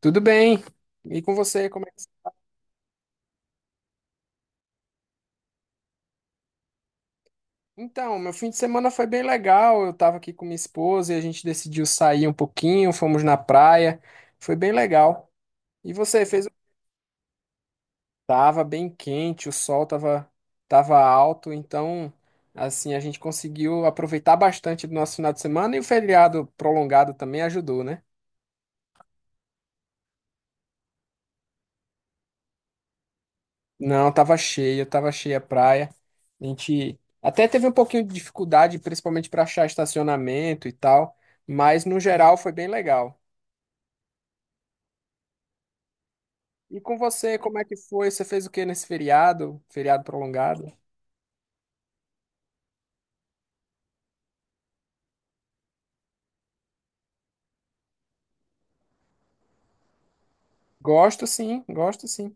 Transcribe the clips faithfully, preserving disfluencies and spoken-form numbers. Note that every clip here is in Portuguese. Tudo bem? E com você, como é que... Então, meu fim de semana foi bem legal. Eu tava aqui com minha esposa e a gente decidiu sair um pouquinho, fomos na praia. Foi bem legal. E você fez? o- Tava bem quente, o sol tava tava alto, então assim, a gente conseguiu aproveitar bastante do nosso final de semana e o feriado prolongado também ajudou, né? Não, tava cheia, tava cheia a praia. A gente até teve um pouquinho de dificuldade, principalmente para achar estacionamento e tal, mas no geral foi bem legal. E com você, como é que foi? Você fez o que nesse feriado? Feriado prolongado? Gosto, sim, gosto, sim.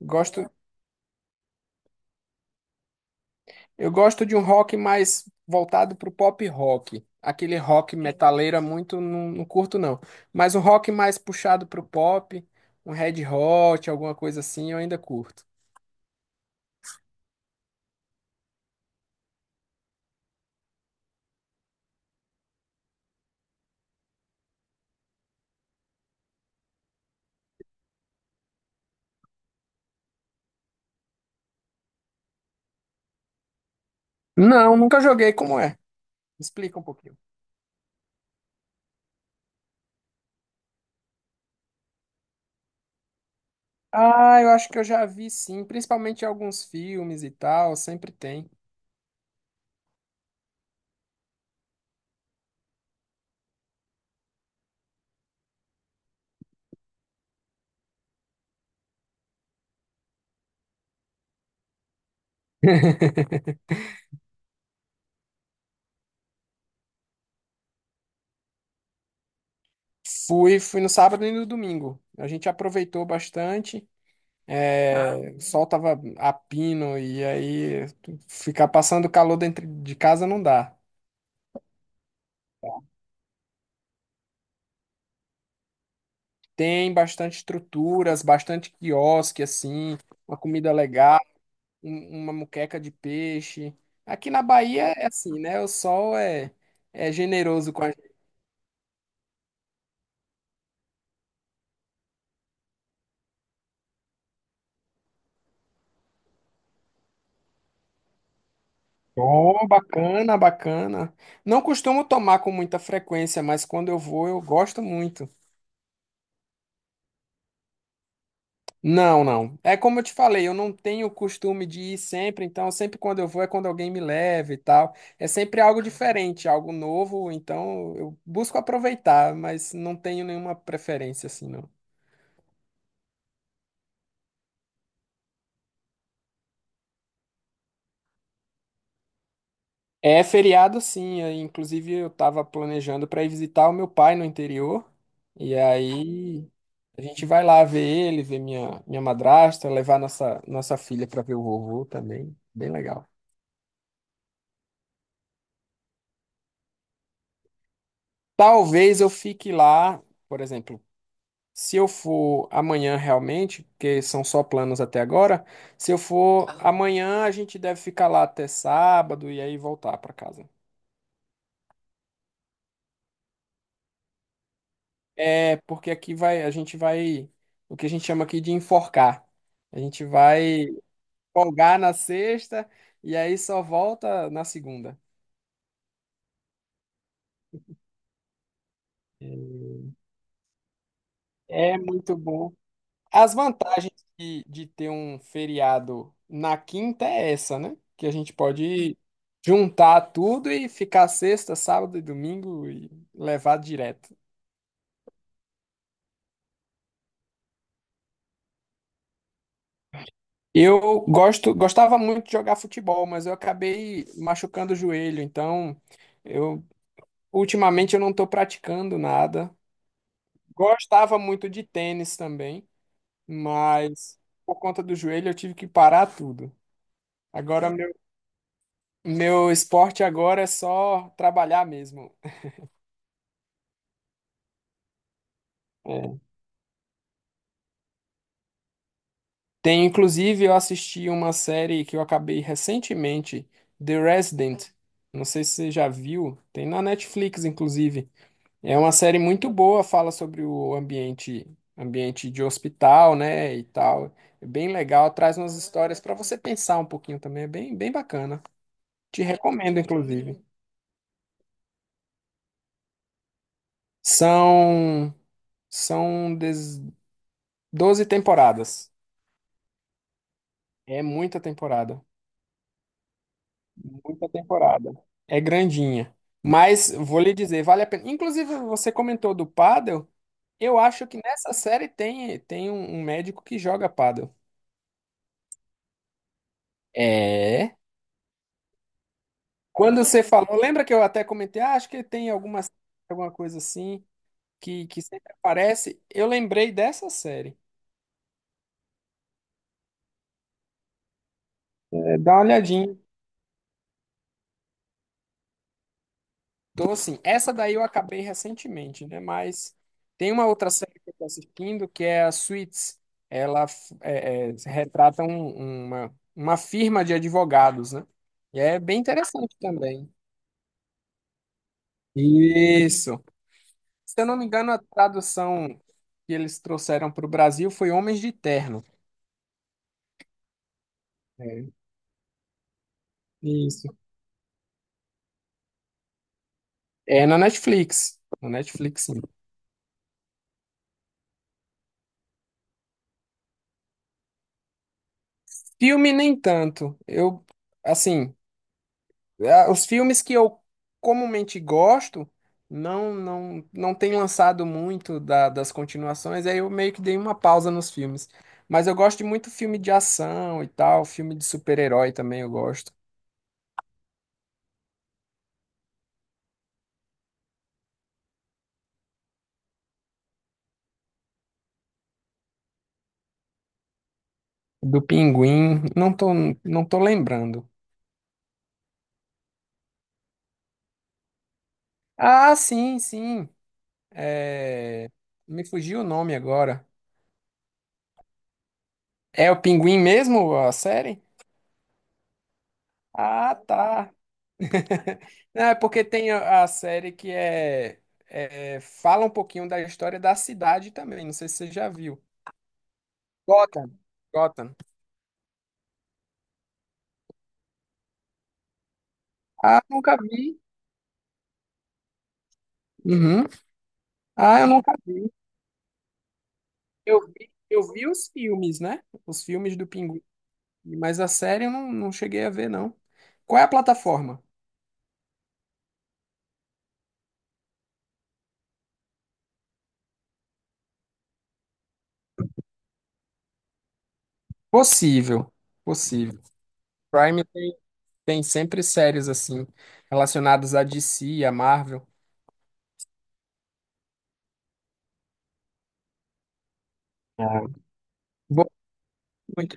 Gosto, eu gosto de um rock mais voltado pro pop rock. Aquele rock metaleira muito não, não curto não, mas um rock mais puxado pro pop, um Red Hot, alguma coisa assim, eu ainda curto. Não, nunca joguei, como é. Explica um pouquinho. Ah, eu acho que eu já vi, sim, principalmente em alguns filmes e tal, sempre tem. Fui, fui no sábado e no domingo. A gente aproveitou bastante. Ah, é, o sol tava a pino e aí tu- ficar passando calor dentro de casa não dá. Tem bastante estruturas, bastante quiosque assim, uma comida legal, um- uma moqueca de peixe. Aqui na Bahia é assim, né? O sol é, é generoso com. Oh, bacana, bacana. Não costumo tomar com muita frequência, mas quando eu vou, eu gosto muito. Não, não. É como eu te falei, eu não tenho o costume de ir sempre, então sempre quando eu vou é quando alguém me leva e tal. É sempre algo diferente, algo novo, então eu busco aproveitar, mas não tenho nenhuma preferência assim, não. É feriado, sim. Aí, inclusive, eu estava planejando para ir visitar o meu pai no interior. E aí a gente vai lá ver ele, ver minha, minha madrasta, levar nossa, nossa filha para ver o vovô também. Bem legal. Talvez eu fique lá, por exemplo, se eu for amanhã realmente, porque são só planos até agora. Se eu for amanhã, a gente deve ficar lá até sábado e aí voltar para casa. É, porque aqui vai, a gente vai, o que a gente chama aqui de enforcar. A gente vai folgar na sexta e aí só volta na segunda. É muito bom. As vantagens de, de ter um feriado na quinta é essa, né? Que a gente pode juntar tudo e ficar sexta, sábado e domingo e levar direto. Eu gosto, gostava muito de jogar futebol, mas eu acabei machucando o joelho, então eu ultimamente eu não estou praticando nada. Gostava muito de tênis também, mas por conta do joelho eu tive que parar tudo. Agora meu, meu esporte agora é só trabalhar mesmo. É. Tem, inclusive eu assisti uma série que eu acabei recentemente, The Resident. Não sei se você já viu, tem na Netflix inclusive. É uma série muito boa, fala sobre o ambiente, ambiente de hospital, né, e tal. É bem legal, traz umas histórias para você pensar um pouquinho também, é bem, bem bacana. Te recomendo, inclusive. São, são des- doze temporadas. É muita temporada, muita temporada. É grandinha. Mas vou lhe dizer, vale a pena. Inclusive, você comentou do pádel. Eu acho que nessa série tem, tem um um médico que joga pádel. É. Quando você falou, lembra que eu até comentei, ah, acho que tem alguma, alguma coisa assim que, que sempre aparece. Eu lembrei dessa série. É, dá uma olhadinha. Então, assim, essa daí eu acabei recentemente, né? Mas tem uma outra série que eu tô assistindo que é a Suits. Ela f- é, é, retrata um- uma, uma firma de advogados, né? E é bem interessante também. Isso. Se eu não me engano, a tradução que eles trouxeram para o Brasil foi Homens de Terno. É. Isso. É na Netflix. Na Netflix, sim. Filme nem tanto. Eu, assim, a- os filmes que eu comumente gosto não não não tem lançado muito da- das continuações, aí eu meio que dei uma pausa nos filmes. Mas eu gosto de muito filme de ação e tal, filme de super-herói também eu gosto. Do Pinguim, não tô, não tô lembrando. Ah, sim, sim. É, me fugiu o nome agora. É o Pinguim mesmo, a série? Ah, tá. Não, é porque tem a a série que é, é- fala um pouquinho da história da cidade também. Não sei se você já viu. Gotham. Gotham. Ah, eu nunca vi. Uhum. Ah, eu nunca vi. Eu vi, eu vi os filmes, né? Os filmes do Pinguim. Mas a série eu não, não cheguei a ver, não. Qual é a plataforma? Possível. Possível. Prime tem, tem sempre séries assim, relacionadas à D C, à Marvel. Ah. Bom, muito,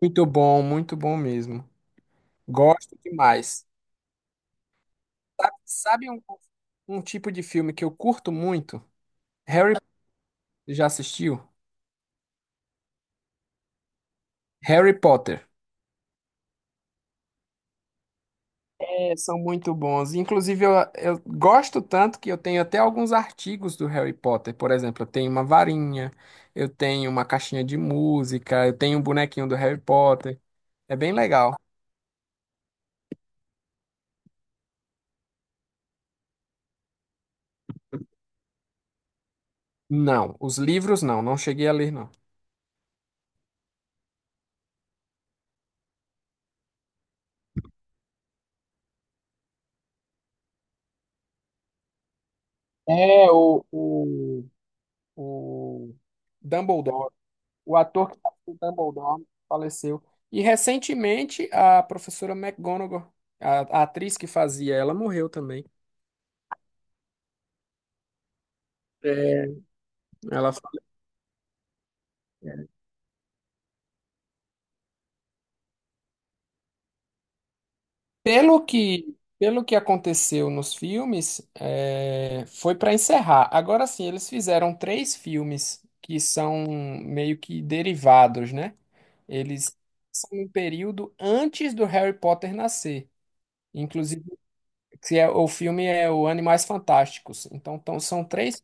muito bom, muito bom mesmo. Gosto demais. Sabe, sabe um, um tipo de filme que eu curto muito? Harry, já assistiu? Harry Potter. É, são muito bons. Inclusive, eu, eu gosto tanto que eu tenho até alguns artigos do Harry Potter. Por exemplo, eu tenho uma varinha, eu tenho uma caixinha de música, eu tenho um bonequinho do Harry Potter. É bem legal. Não, os livros não, não cheguei a ler, não. É, o, o, o Dumbledore. O ator que faz o Dumbledore faleceu. E recentemente a professora McGonagall, a, a atriz que fazia, ela morreu também. É, ela. Pelo que, pelo que aconteceu nos filmes, é, foi para encerrar. Agora sim, eles fizeram três filmes que são meio que derivados, né? Eles são um período antes do Harry Potter nascer. Inclusive, que é, o filme é o Animais Fantásticos. Então, tão- são três.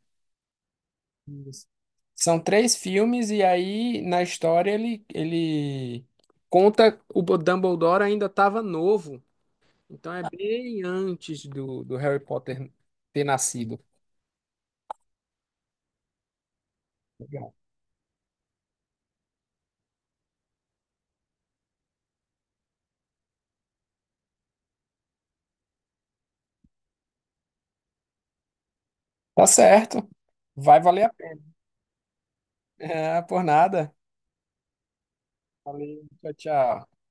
Isso. São três filmes, e aí na história ele, ele conta o Bo- Dumbledore ainda estava novo. Então é bem antes do, do Harry Potter ter nascido. Legal. Tá certo. Vai valer a pena. Ah, por nada. Valeu, tchau, tchau.